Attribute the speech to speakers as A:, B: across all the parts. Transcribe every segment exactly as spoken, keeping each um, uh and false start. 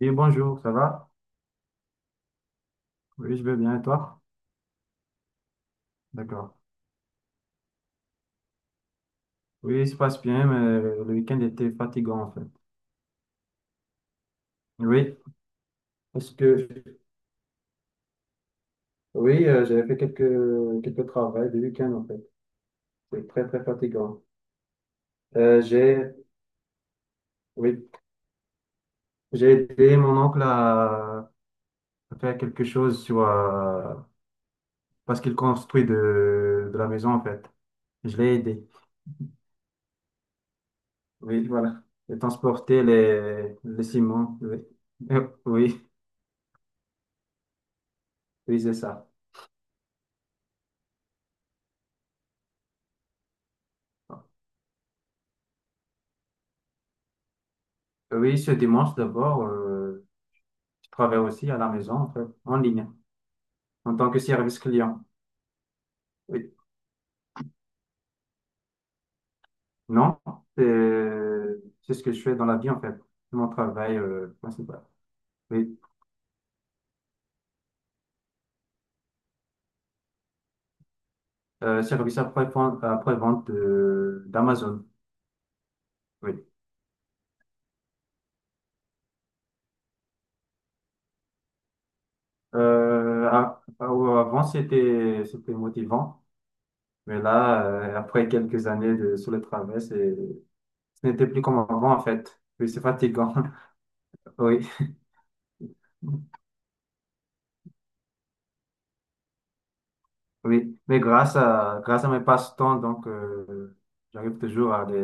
A: Oui, bonjour, ça va? Oui, je vais bien, et toi? D'accord. Oui, il se passe bien, mais le week-end était fatigant, en fait. Oui, parce que, oui, euh, j'avais fait quelques, quelques travaux le week-end, en fait. C'est très, très fatigant. Euh, j'ai, oui, j'ai aidé mon oncle à, à faire quelque chose sur, euh, parce qu'il construit de, de la maison, en fait. Je l'ai aidé. Oui, voilà. Et transporter les, les ciments, oui. Oui, oui, c'est ça. Oui, ce dimanche d'abord. Euh, travaille aussi à la maison, en fait, en ligne, en tant que service client. Oui. Non, c'est c'est ce que je fais dans la vie, en fait. C'est mon travail euh, principal. Oui. Euh, service après-vente après-vente de- d'Amazon. Oui. Euh, a- a- avant, c'était c'était motivant. Mais là, euh, après quelques années de, sur le travail, c'est, ce n'était plus comme avant, en fait. Oui, c'est fatigant. Oui. Oui, mais grâce à, grâce à mes passe-temps, donc, euh, j'arrive toujours à les,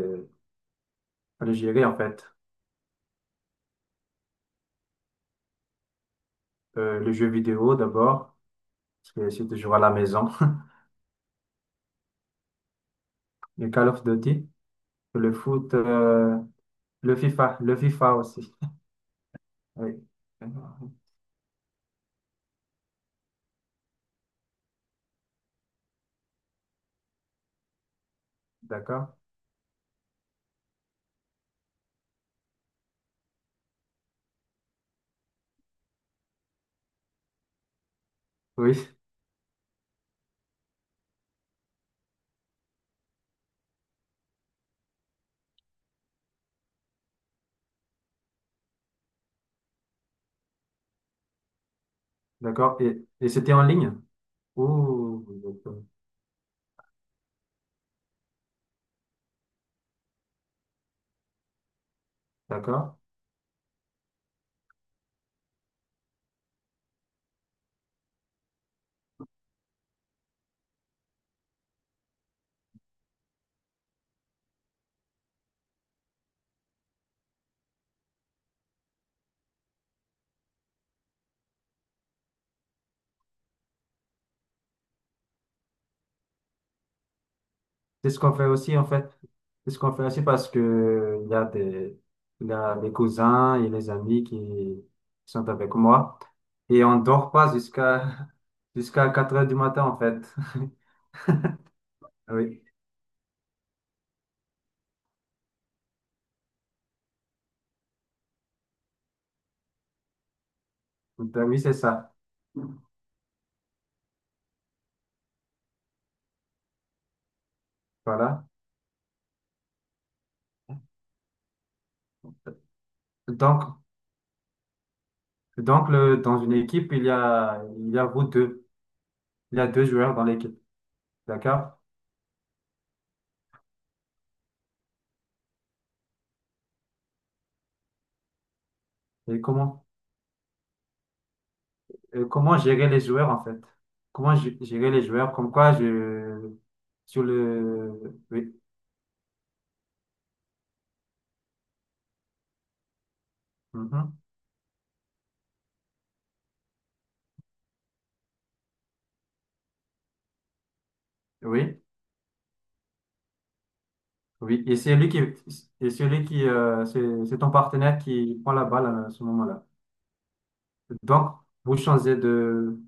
A: le gérer en fait. Euh, le jeu vidéo d'abord, parce que je suis toujours à la maison. Le Call of Duty, le foot, euh, le FIFA, le FIFA aussi. Oui. D'accord. Oui, d'accord. Et, et c'était en ligne? Ouh, d'accord. D'accord. C'est ce qu'on fait aussi en fait. C'est ce qu'on fait aussi parce que il y a des, il y a des cousins et les amis qui sont avec moi. Et on dort pas jusqu'à jusqu'à quatre heures du matin en fait. Oui. Ben oui, c'est ça. Voilà. Donc, donc le, dans une équipe, il y a, il y a vous deux. Il y a deux joueurs dans l'équipe. D'accord? Et comment, et comment gérer les joueurs, en fait? Comment gé- gérer les joueurs? Comme quoi, je, sur le, oui, mhm, oui, oui. Et c'est lui qui, et celui qui, euh, c'est, c'est ton partenaire qui prend la balle à ce moment-là. Donc, vous changez de,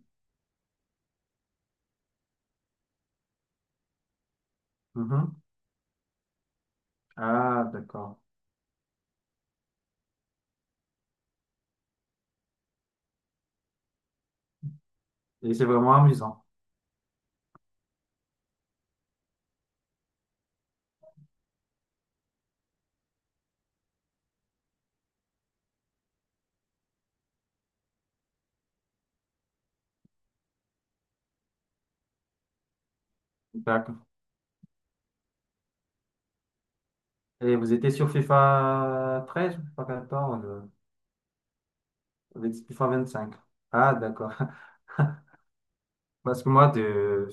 A: mhm. Ah, d'accord. Et c'est vraiment amusant. D'accord. Et vous étiez sur FIFA treize ou FIFA quatorze? euh, Vous étiez FIFA vingt-cinq. Ah, d'accord. Parce que moi, de...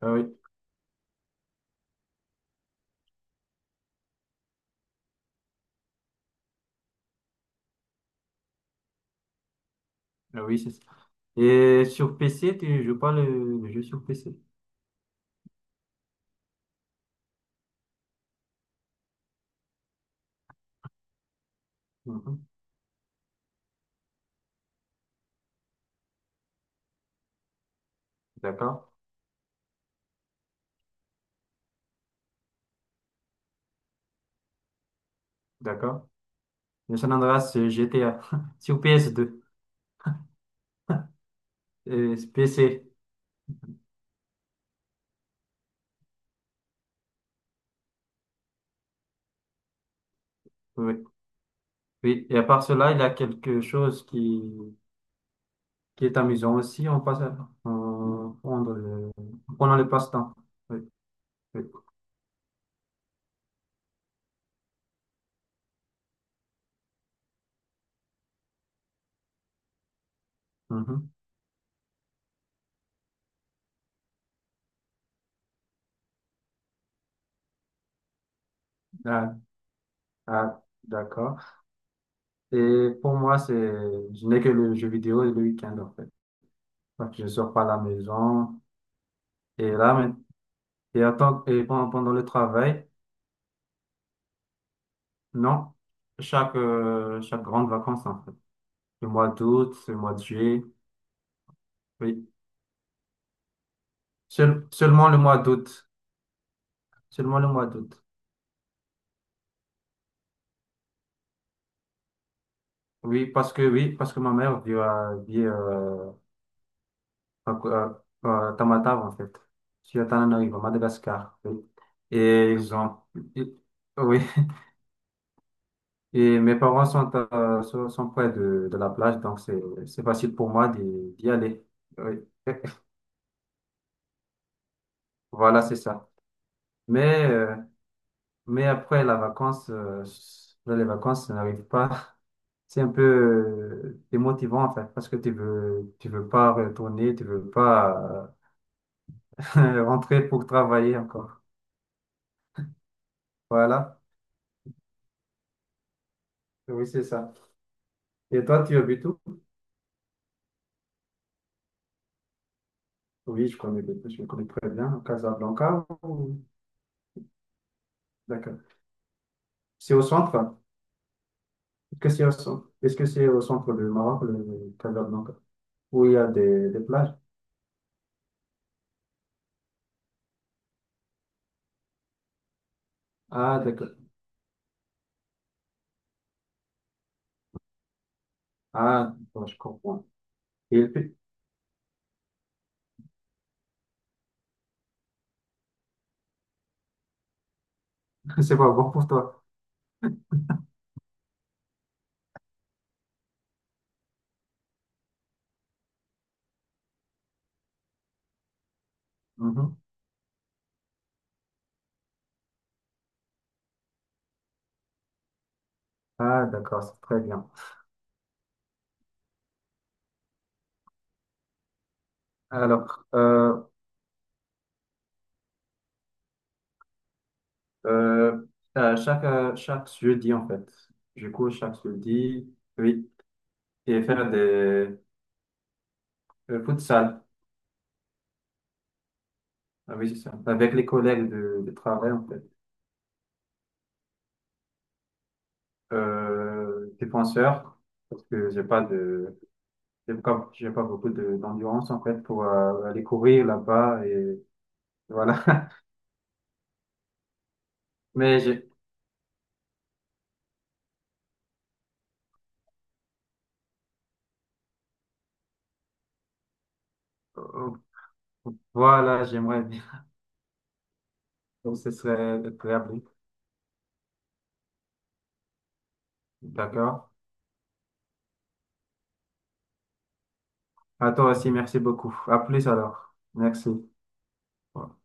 A: Ah oui, ah oui, c'est ça. Et sur P C, tu joues pas le, le jeu sur P C. Mhm. D'accord, d'accord. Le San Andreas euh, G T A sur P S deux. Euh, P C, oui. Oui, et à part cela, il y a quelque chose qui, qui est amusant aussi. On passe à on- prendre le, pendant le passe-temps. Oui, oui. Mhm. Ah, ah, d'accord. Et pour moi, c'est, je n'ai que le jeu vidéo et le week-end, en fait. Donc, je sors pas à la maison. Et là, mais- et, attends, et pendant, pendant le travail, non. Chaque, euh, chaque grande vacances, en fait. Le mois d'août, le mois de juillet, oui. Seul- seulement le mois d'août. Seulement le mois d'août. Oui, parce que, oui, parce que ma mère vit à, vit, euh, à, à- à Tamatave, en fait. Sur Tananarive, à Madagascar. Oui. Et ils ont, oui. Et mes parents sont, à- sont sont près de, de la plage, donc c'est c'est facile pour moi d'y d'y aller. Oui. Voilà, c'est ça. Mais, euh, mais après la vacance, euh, là, les vacances, ça n'arrive pas. C'est un peu euh, démotivant, en fait, parce que tu veux, tu veux pas retourner, tu veux pas euh, rentrer pour travailler encore. Voilà, oui, c'est ça. Et toi, tu habites où? Oui, je connais, je connais très bien Casablanca. Ou- D'accord. C'est au centre? Que c'est au centre? Est-ce que c'est au centre du Maroc, le Casablanca, où il y a des, des plages? Ah, d'accord. Ah, bon, je comprends. Et le pi- c'est pas bon pour toi. Mhm. Ah, d'accord, c'est très bien. Alors, euh, euh, euh, chaque, euh, chaque jeudi, en fait, du coup, chaque jeudi, oui, et faire des euh, futsal, ah, oui, c'est ça, avec les collègues de, de travail, en fait. Euh, défenseur, parce que j'ai pas de j'ai pas, j'ai pas beaucoup de- d'endurance en fait pour euh, aller courir là-bas et voilà. Mais j'ai, euh, voilà, j'aimerais bien. Donc ce serait agréable. D'accord. À toi aussi, merci beaucoup. À plus alors. Merci. Ouais.